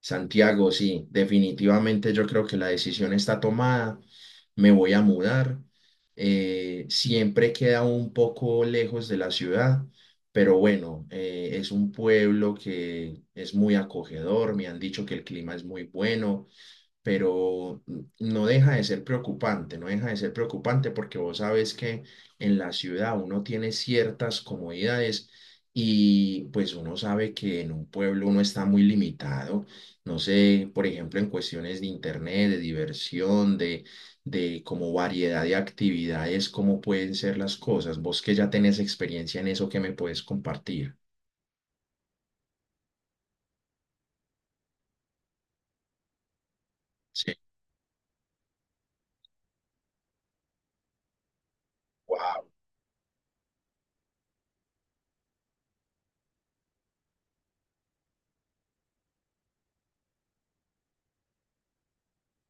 Santiago, sí, definitivamente yo creo que la decisión está tomada, me voy a mudar. Siempre queda un poco lejos de la ciudad, pero bueno, es un pueblo que es muy acogedor, me han dicho que el clima es muy bueno, pero no deja de ser preocupante, no deja de ser preocupante porque vos sabes que en la ciudad uno tiene ciertas comodidades y pues uno sabe que en un pueblo uno está muy limitado, no sé, por ejemplo, en cuestiones de internet, de diversión, de como variedad de actividades, cómo pueden ser las cosas. Vos que ya tenés experiencia en eso, ¿qué me puedes compartir?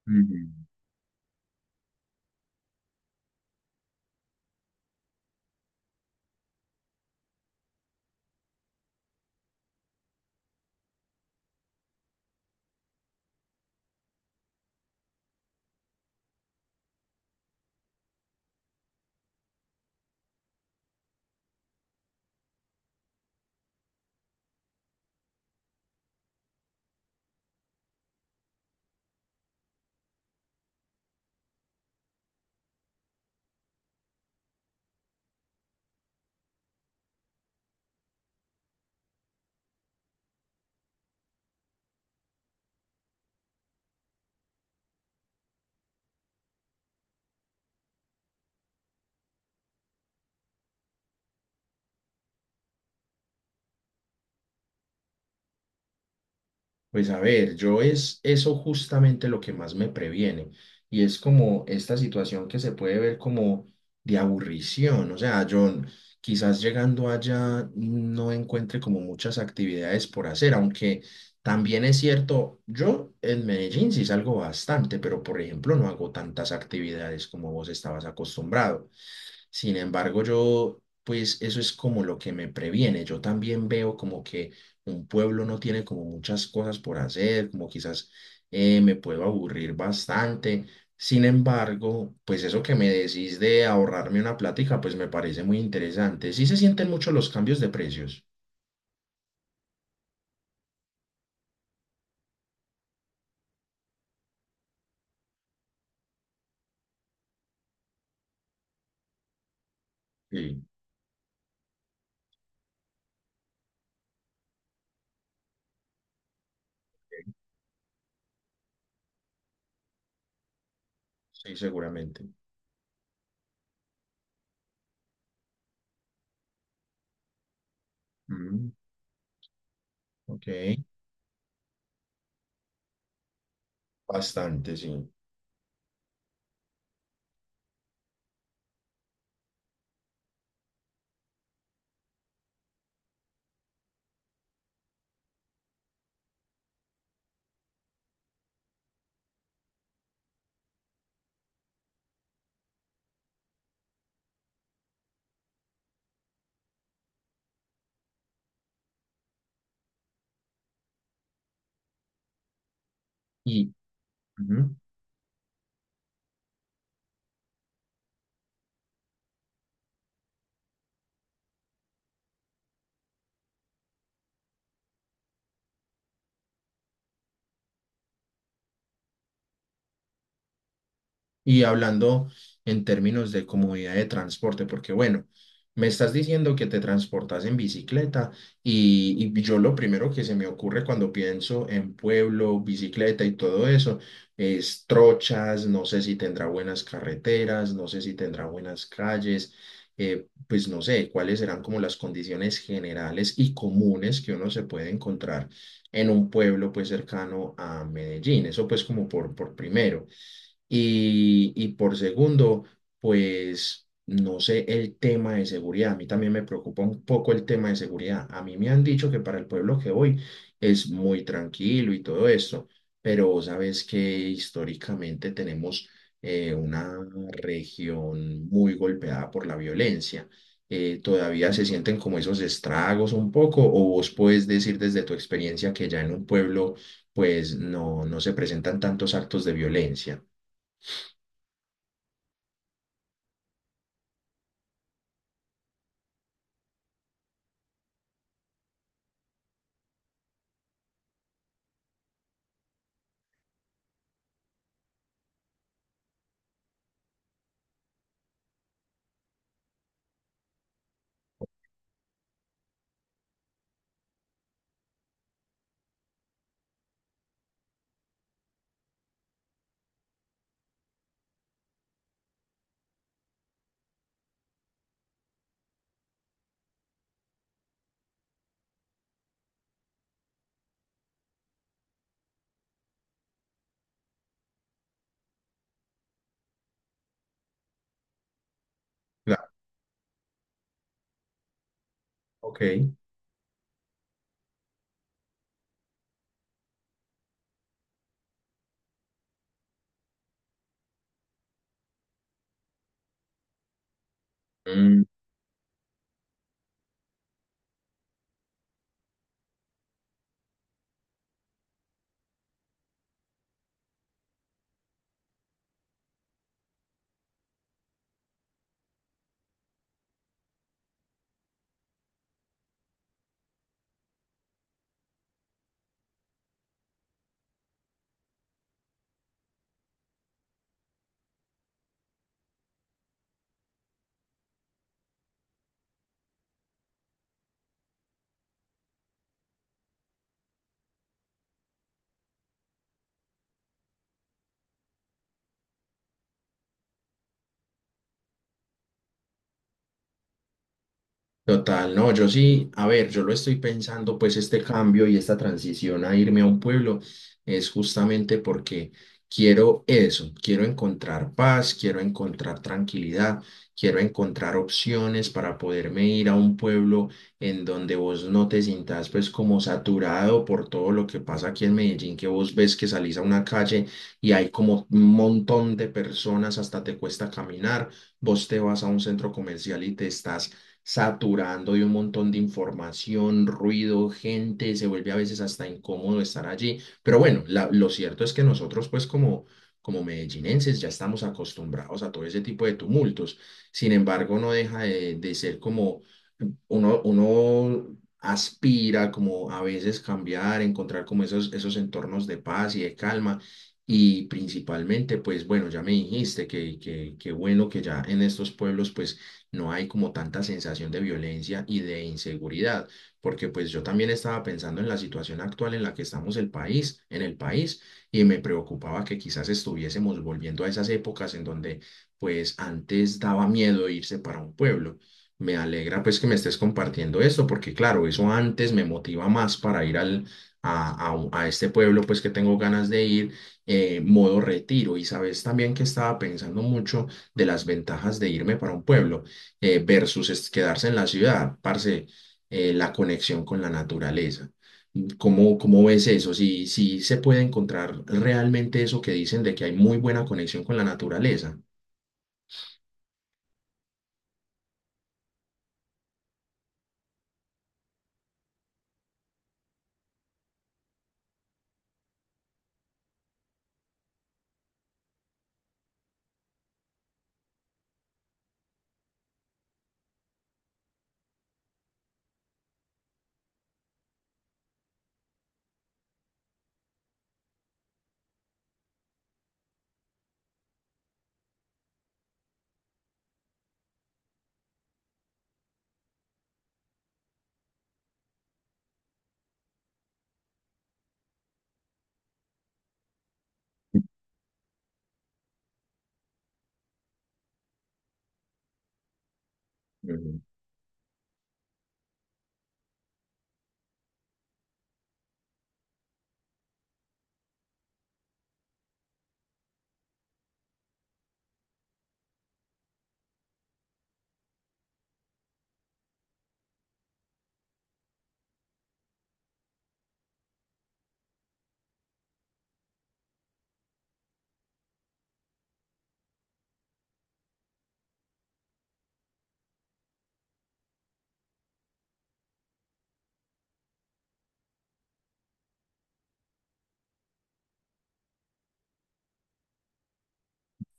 Sí. Pues a ver, yo es eso justamente lo que más me previene y es como esta situación que se puede ver como de aburrición, o sea, quizás llegando allá no encuentre como muchas actividades por hacer, aunque también es cierto, yo en Medellín sí salgo bastante, pero por ejemplo no hago tantas actividades como vos estabas acostumbrado. Sin embargo, yo, pues eso es como lo que me previene. Yo también veo como que un pueblo no tiene como muchas cosas por hacer, como quizás me puedo aburrir bastante. Sin embargo, pues eso que me decís de ahorrarme una plática, pues me parece muy interesante. Sí se sienten mucho los cambios de precios. Sí, sí, seguramente. Mm, ok, bastante, sí. Y, ujú. Y hablando en términos de comodidad de transporte, porque bueno, me estás diciendo que te transportas en bicicleta y yo lo primero que se me ocurre cuando pienso en pueblo, bicicleta y todo eso es trochas, no sé si tendrá buenas carreteras, no sé si tendrá buenas calles, pues no sé cuáles serán como las condiciones generales y comunes que uno se puede encontrar en un pueblo pues cercano a Medellín, eso pues como por primero. Y por segundo, pues no sé el tema de seguridad. A mí también me preocupa un poco el tema de seguridad. A mí me han dicho que para el pueblo que voy es muy tranquilo y todo esto, pero vos sabes que históricamente tenemos una región muy golpeada por la violencia. ¿Todavía se sienten como esos estragos un poco? ¿O vos puedes decir desde tu experiencia que ya en un pueblo pues no se presentan tantos actos de violencia? Claro, ok. Mm. Total, no, yo sí, a ver, yo lo estoy pensando, pues este cambio y esta transición a irme a un pueblo es justamente porque quiero eso, quiero encontrar paz, quiero encontrar tranquilidad, quiero encontrar opciones para poderme ir a un pueblo en donde vos no te sientas pues como saturado por todo lo que pasa aquí en Medellín, que vos ves que salís a una calle y hay como un montón de personas, hasta te cuesta caminar, vos te vas a un centro comercial y te estás saturando de un montón de información, ruido, gente, se vuelve a veces hasta incómodo estar allí. Pero bueno, lo cierto es que nosotros pues como, como medellinenses ya estamos acostumbrados a todo ese tipo de tumultos. Sin embargo, no deja de ser como uno aspira como a veces cambiar, encontrar como esos, esos entornos de paz y de calma. Y principalmente, pues bueno, ya me dijiste que bueno que ya en estos pueblos pues no hay como tanta sensación de violencia y de inseguridad, porque pues yo también estaba pensando en la situación actual en la que estamos el país, en el país, y me preocupaba que quizás estuviésemos volviendo a esas épocas en donde pues antes daba miedo irse para un pueblo. Me alegra pues que me estés compartiendo esto, porque claro, eso antes me motiva más para ir al, a, un- a este pueblo pues que tengo ganas de ir, modo retiro. Y sabes también que estaba pensando mucho de las ventajas de irme para un pueblo versus quedarse en la ciudad, parce, la conexión con la naturaleza. ¿Cómo ves eso? Si se puede encontrar realmente eso que dicen de que hay muy buena conexión con la naturaleza.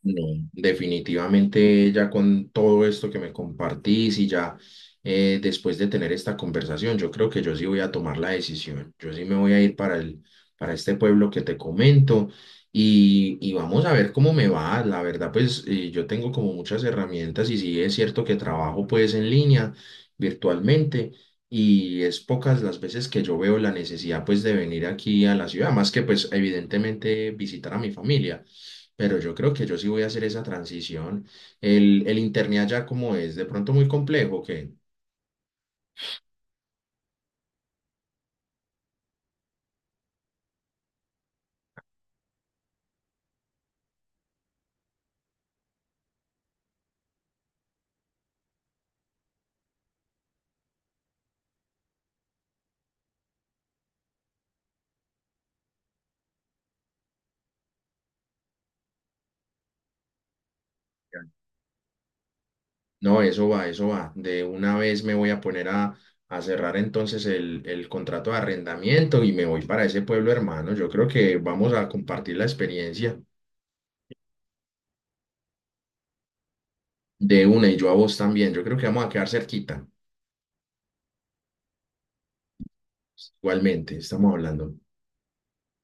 No, definitivamente ya con todo esto que me compartís y ya después de tener esta conversación, yo creo que yo sí voy a tomar la decisión. Yo sí me voy a ir para para este pueblo que te comento y vamos a ver cómo me va. La verdad, pues yo tengo como muchas herramientas y sí es cierto que trabajo pues en línea, virtualmente. Y es pocas las veces que yo veo la necesidad pues de venir aquí a la ciudad, más que pues evidentemente visitar a mi familia, pero yo creo que yo sí voy a hacer esa transición. El internet ya como es de pronto muy complejo, que no, eso va, eso va. De una vez me voy a poner a cerrar entonces el contrato de arrendamiento y me voy para ese pueblo hermano. Yo creo que vamos a compartir la experiencia de una y yo a vos también. Yo creo que vamos a quedar cerquita. Igualmente, estamos hablando.